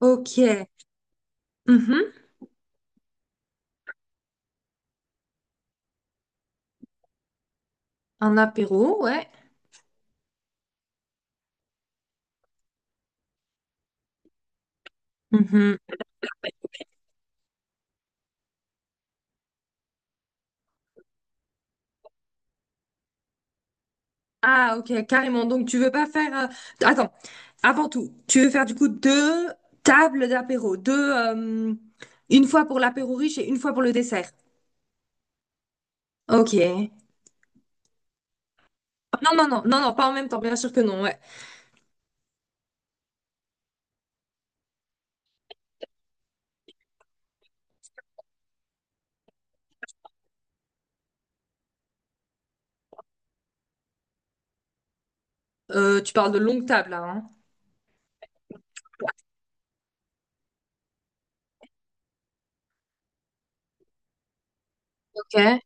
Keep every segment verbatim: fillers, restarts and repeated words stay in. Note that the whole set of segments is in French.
Ok. Mhm. Un apéro, ouais. Mhm. Ah, ok, carrément. Donc, tu veux pas faire. euh, Attends, avant tout, tu veux faire du coup deux tables d'apéro. Deux. euh, Une fois pour l'apéro riche et une fois pour le dessert. Ok. Non, non, non, non, non, pas en même temps, bien sûr que non, ouais. Euh, tu parles de longue table, là, hein. Ok.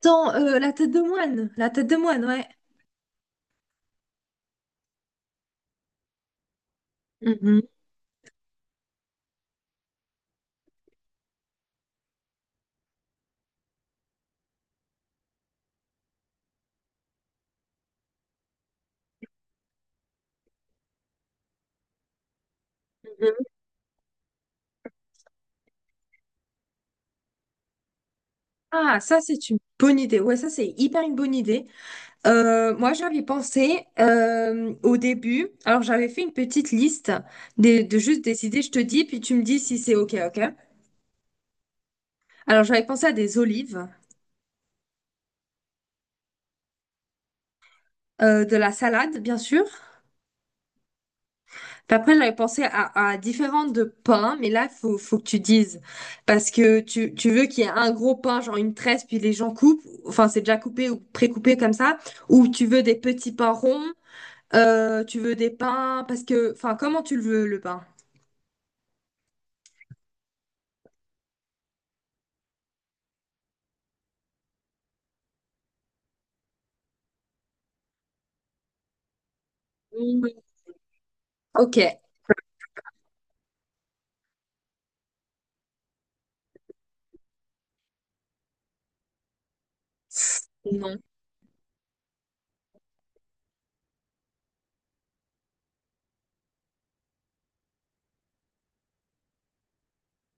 Attends, euh, la tête de moine. La tête de moine, ouais. Mhm. Ah, ça, c'est une bonne idée. Ouais, ça, c'est hyper une bonne idée. Euh, moi, j'avais pensé euh, au début, alors j'avais fait une petite liste de, de juste des idées, je te dis, puis tu me dis si c'est OK, OK. Alors j'avais pensé à des olives, euh, de la salade, bien sûr. Puis après, j'avais pensé à, à différentes de pains, mais là, faut, faut que tu dises, parce que tu, tu veux qu'il y ait un gros pain, genre une tresse, puis les gens coupent, enfin c'est déjà coupé ou pré-coupé comme ça, ou tu veux des petits pains ronds, euh, tu veux des pains, parce que, enfin, comment tu le veux, le pain? Mm. Ok. Non.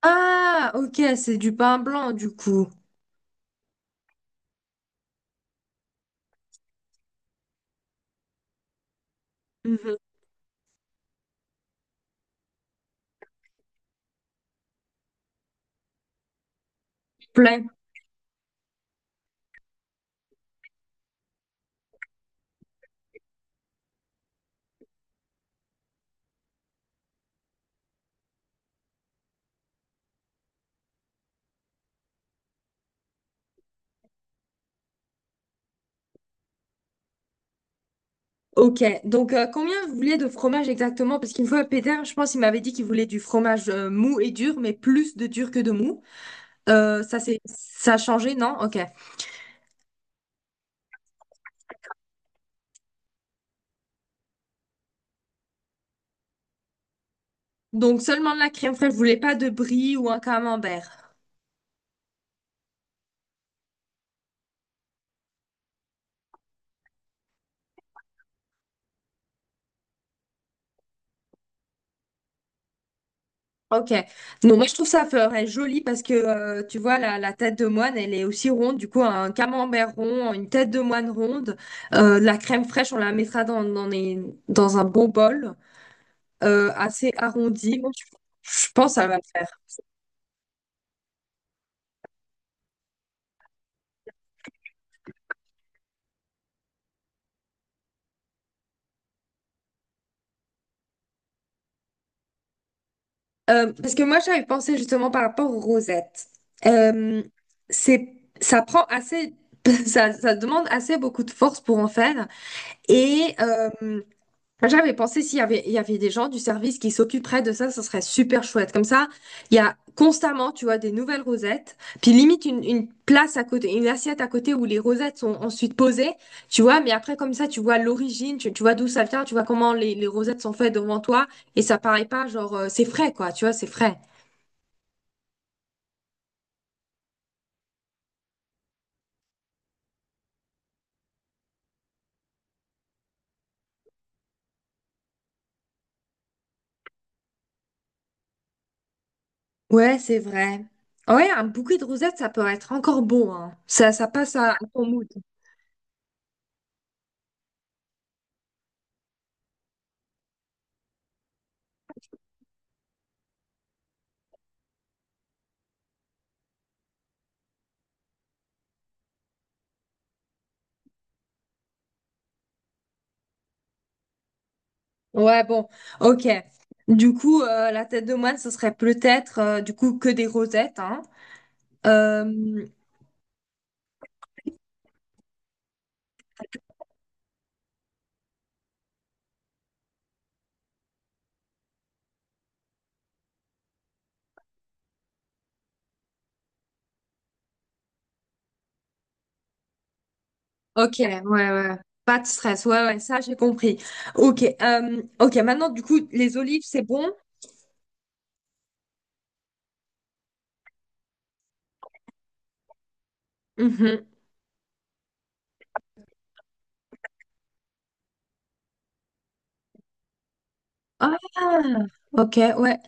Ah, ok, c'est du pain blanc du coup. Mhm. Plein. Ok, donc euh, combien vous voulez de fromage exactement? Parce qu'une fois, Peter, je pense qu'il m'avait dit qu'il voulait du fromage euh, mou et dur, mais plus de dur que de mou. Euh, ça, c'est, ça a changé, non? Ok. Donc seulement de la crème fraîche, vous voulez pas de brie ou un camembert? Ok. Non, moi je trouve ça ferait joli parce que euh, tu vois la, la tête de moine elle est aussi ronde du coup un camembert rond une tête de moine ronde euh, de la crème fraîche on la mettra dans dans, les- dans un bon bol euh, assez arrondi. Moi, je, je pense que ça va le faire. Euh, parce que moi j'avais pensé justement par rapport aux rosettes. Euh, c'est ça prend assez ça, ça demande assez beaucoup de force pour en faire et euh, enfin, j'avais pensé s'il y avait, il y avait des gens du service qui s'occuperaient de ça, ça serait super chouette. Comme ça, il y a constamment, tu vois, des nouvelles rosettes, puis limite une, une place à côté, une assiette à côté où les rosettes sont ensuite posées, tu vois, mais après, comme ça, tu vois l'origine, tu, tu vois d'où ça vient, tu vois comment les, les rosettes sont faites devant toi, et ça paraît pas genre, euh, c'est frais, quoi, tu vois, c'est frais. Ouais, c'est vrai. Ouais, un bouquet de rosettes, ça peut être encore beau, hein. Ça, ça passe à, à ton mood. Ouais, bon, ok. Du coup, euh, la tête de moine, ce serait peut-être euh, du coup que des rosettes, hein. Euh, ok, ouais, ouais. Ouais. Pas de stress, ouais, ouais, ça j'ai compris. Ok, euh, ok. Maintenant, du coup, les olives, c'est bon? Mhm. Ah, ok, ouais,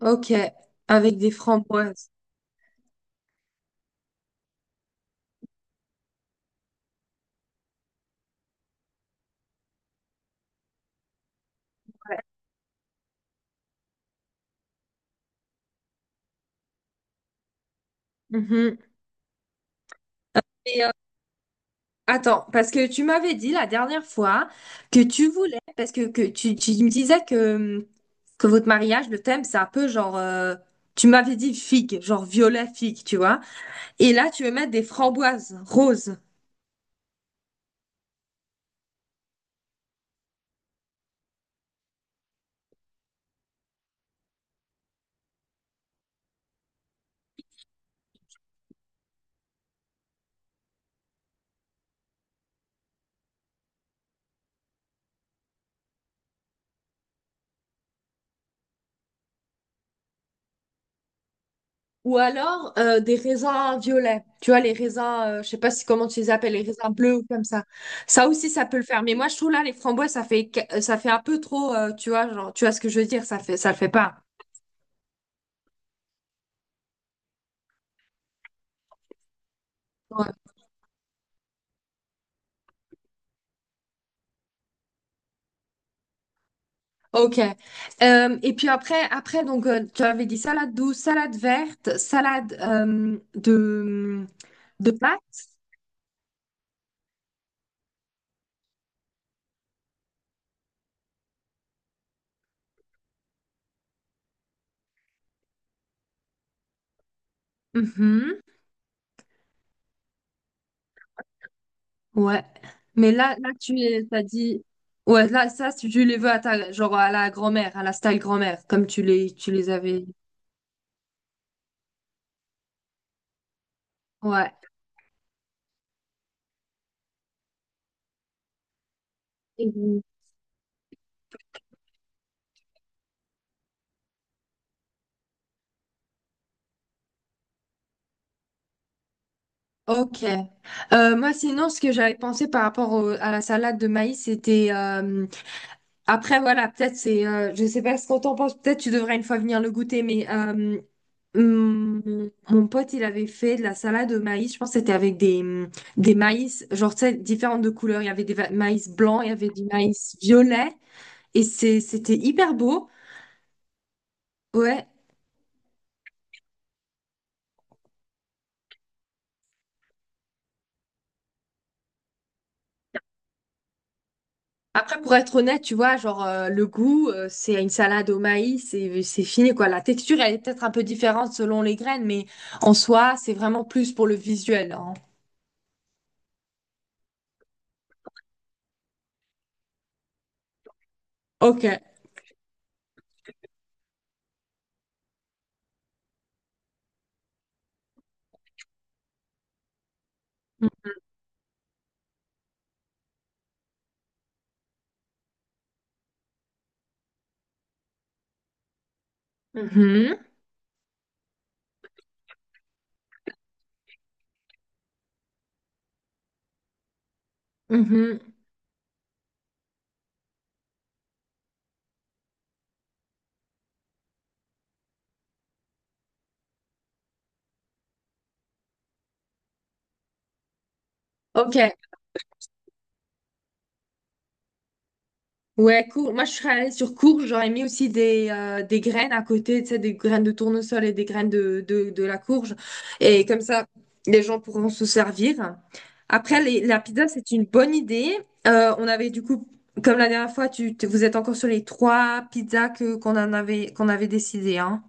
ok. Avec des framboises. Mhm. Et, euh, attends, parce que tu m'avais dit la dernière fois que tu voulais, parce que, que tu, tu me disais que, que votre mariage, le thème, c'est un peu genre, euh, tu m'avais dit figue, genre violet figue, tu vois. Et là, tu veux mettre des framboises roses ou alors euh, des raisins violets. Tu vois, les raisins, euh, je sais pas si comment tu les appelles, les raisins bleus ou comme ça. Ça aussi, ça peut le faire. Mais moi, je trouve là, les framboises, ça fait, ca- ça fait un peu trop, euh, tu vois, genre, tu vois ce que je veux dire, ça fait, ça le fait pas. Ok. Euh, et puis après, après donc euh, tu avais dit salade douce, salade verte, salade euh, de de pâtes. Mhm. Ouais. Mais là, là tu les- t'as dit ouais là ça si tu les veux à ta genre à la grand-mère, à la style grand-mère comme tu les tu les avais. Ouais. Ok. Euh, moi, sinon, ce que j'avais pensé par rapport au- à la salade de maïs, c'était... euh, après, voilà, peut-être c'est... euh, je sais pas ce qu'on t'en pense, peut-être tu devrais une fois venir le goûter, mais euh, hum, mon pote, il avait fait de la salade de maïs, je pense que c'était avec des, hum, des maïs, genre, tu sais, différentes de couleurs. Il y avait des va- maïs blancs, il y avait du maïs violet, et c'est, c'était hyper beau. Ouais. Après, pour être honnête, tu vois, genre, euh, le goût, euh, c'est une salade au maïs et c'est fini, quoi. La texture, elle est peut-être un peu différente selon les graines, mais en soi, c'est vraiment plus pour le visuel, hein. Ok. Mhm. Mhm. Ok. Ouais, cours. Moi, je serais allée sur courge. J'aurais mis aussi des, euh, des graines à côté, tu sais, des graines de tournesol et des graines de, de, de la courge. Et comme ça, les gens pourront se servir. Après, les- la pizza, c'est une bonne idée. Euh, on avait du coup, comme la dernière fois, tu, tu- vous êtes encore sur les trois pizzas que qu'on en avait qu'on avait décidé, hein.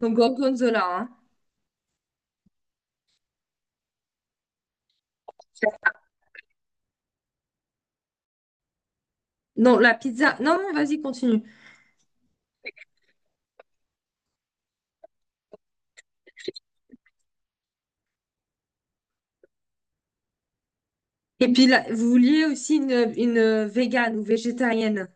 Donc gorgonzola, hein. Non, la pizza. Non, non, vas-y, continue. Et puis là, vous vouliez aussi une, une végane ou végétarienne.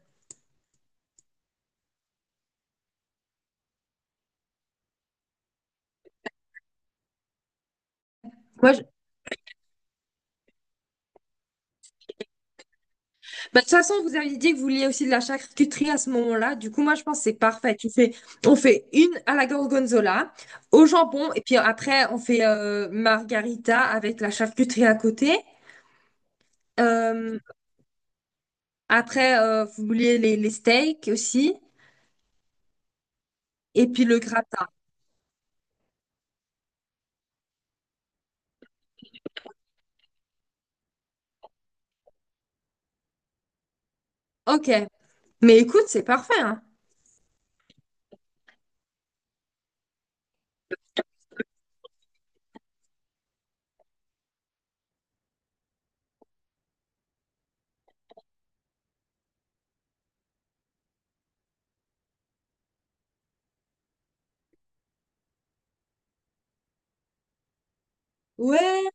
Moi, bah, de toute façon, vous aviez dit que vous vouliez aussi de la charcuterie à ce moment-là. Du coup, moi, je pense que c'est parfait. Tu fais, on fait une à la gorgonzola, au jambon, et puis après, on fait euh, margarita avec la charcuterie à côté. Euh, après, euh, vous vouliez les, les steaks aussi, et puis le gratin. Ok. Mais écoute, c'est parfait, hein. Ouais.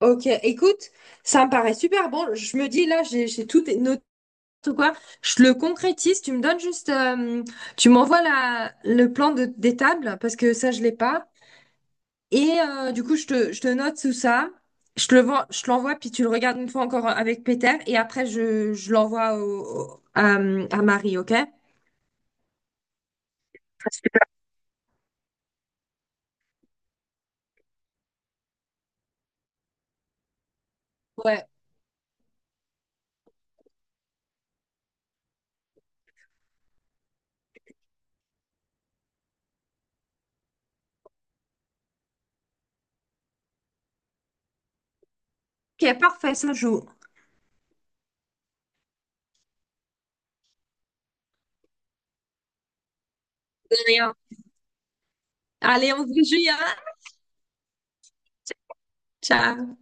Ok. Écoute, ça me paraît super bon. Je me dis, là, j'ai j'ai tout noté. Ou quoi, je le concrétise, tu me donnes juste, euh, tu m'envoies la, le plan de, des tables, parce que ça, je l'ai pas. Et euh, du coup, je te, je te note tout ça, je te le, vois- je te l'envoie, puis tu le regardes une fois encore euh, avec Peter, et après, je, je l'envoie au, au- à, à Marie, ok? Super. Ouais. Ok, parfait, ça joue. De rien. Allez, on se dit, hein. Ciao.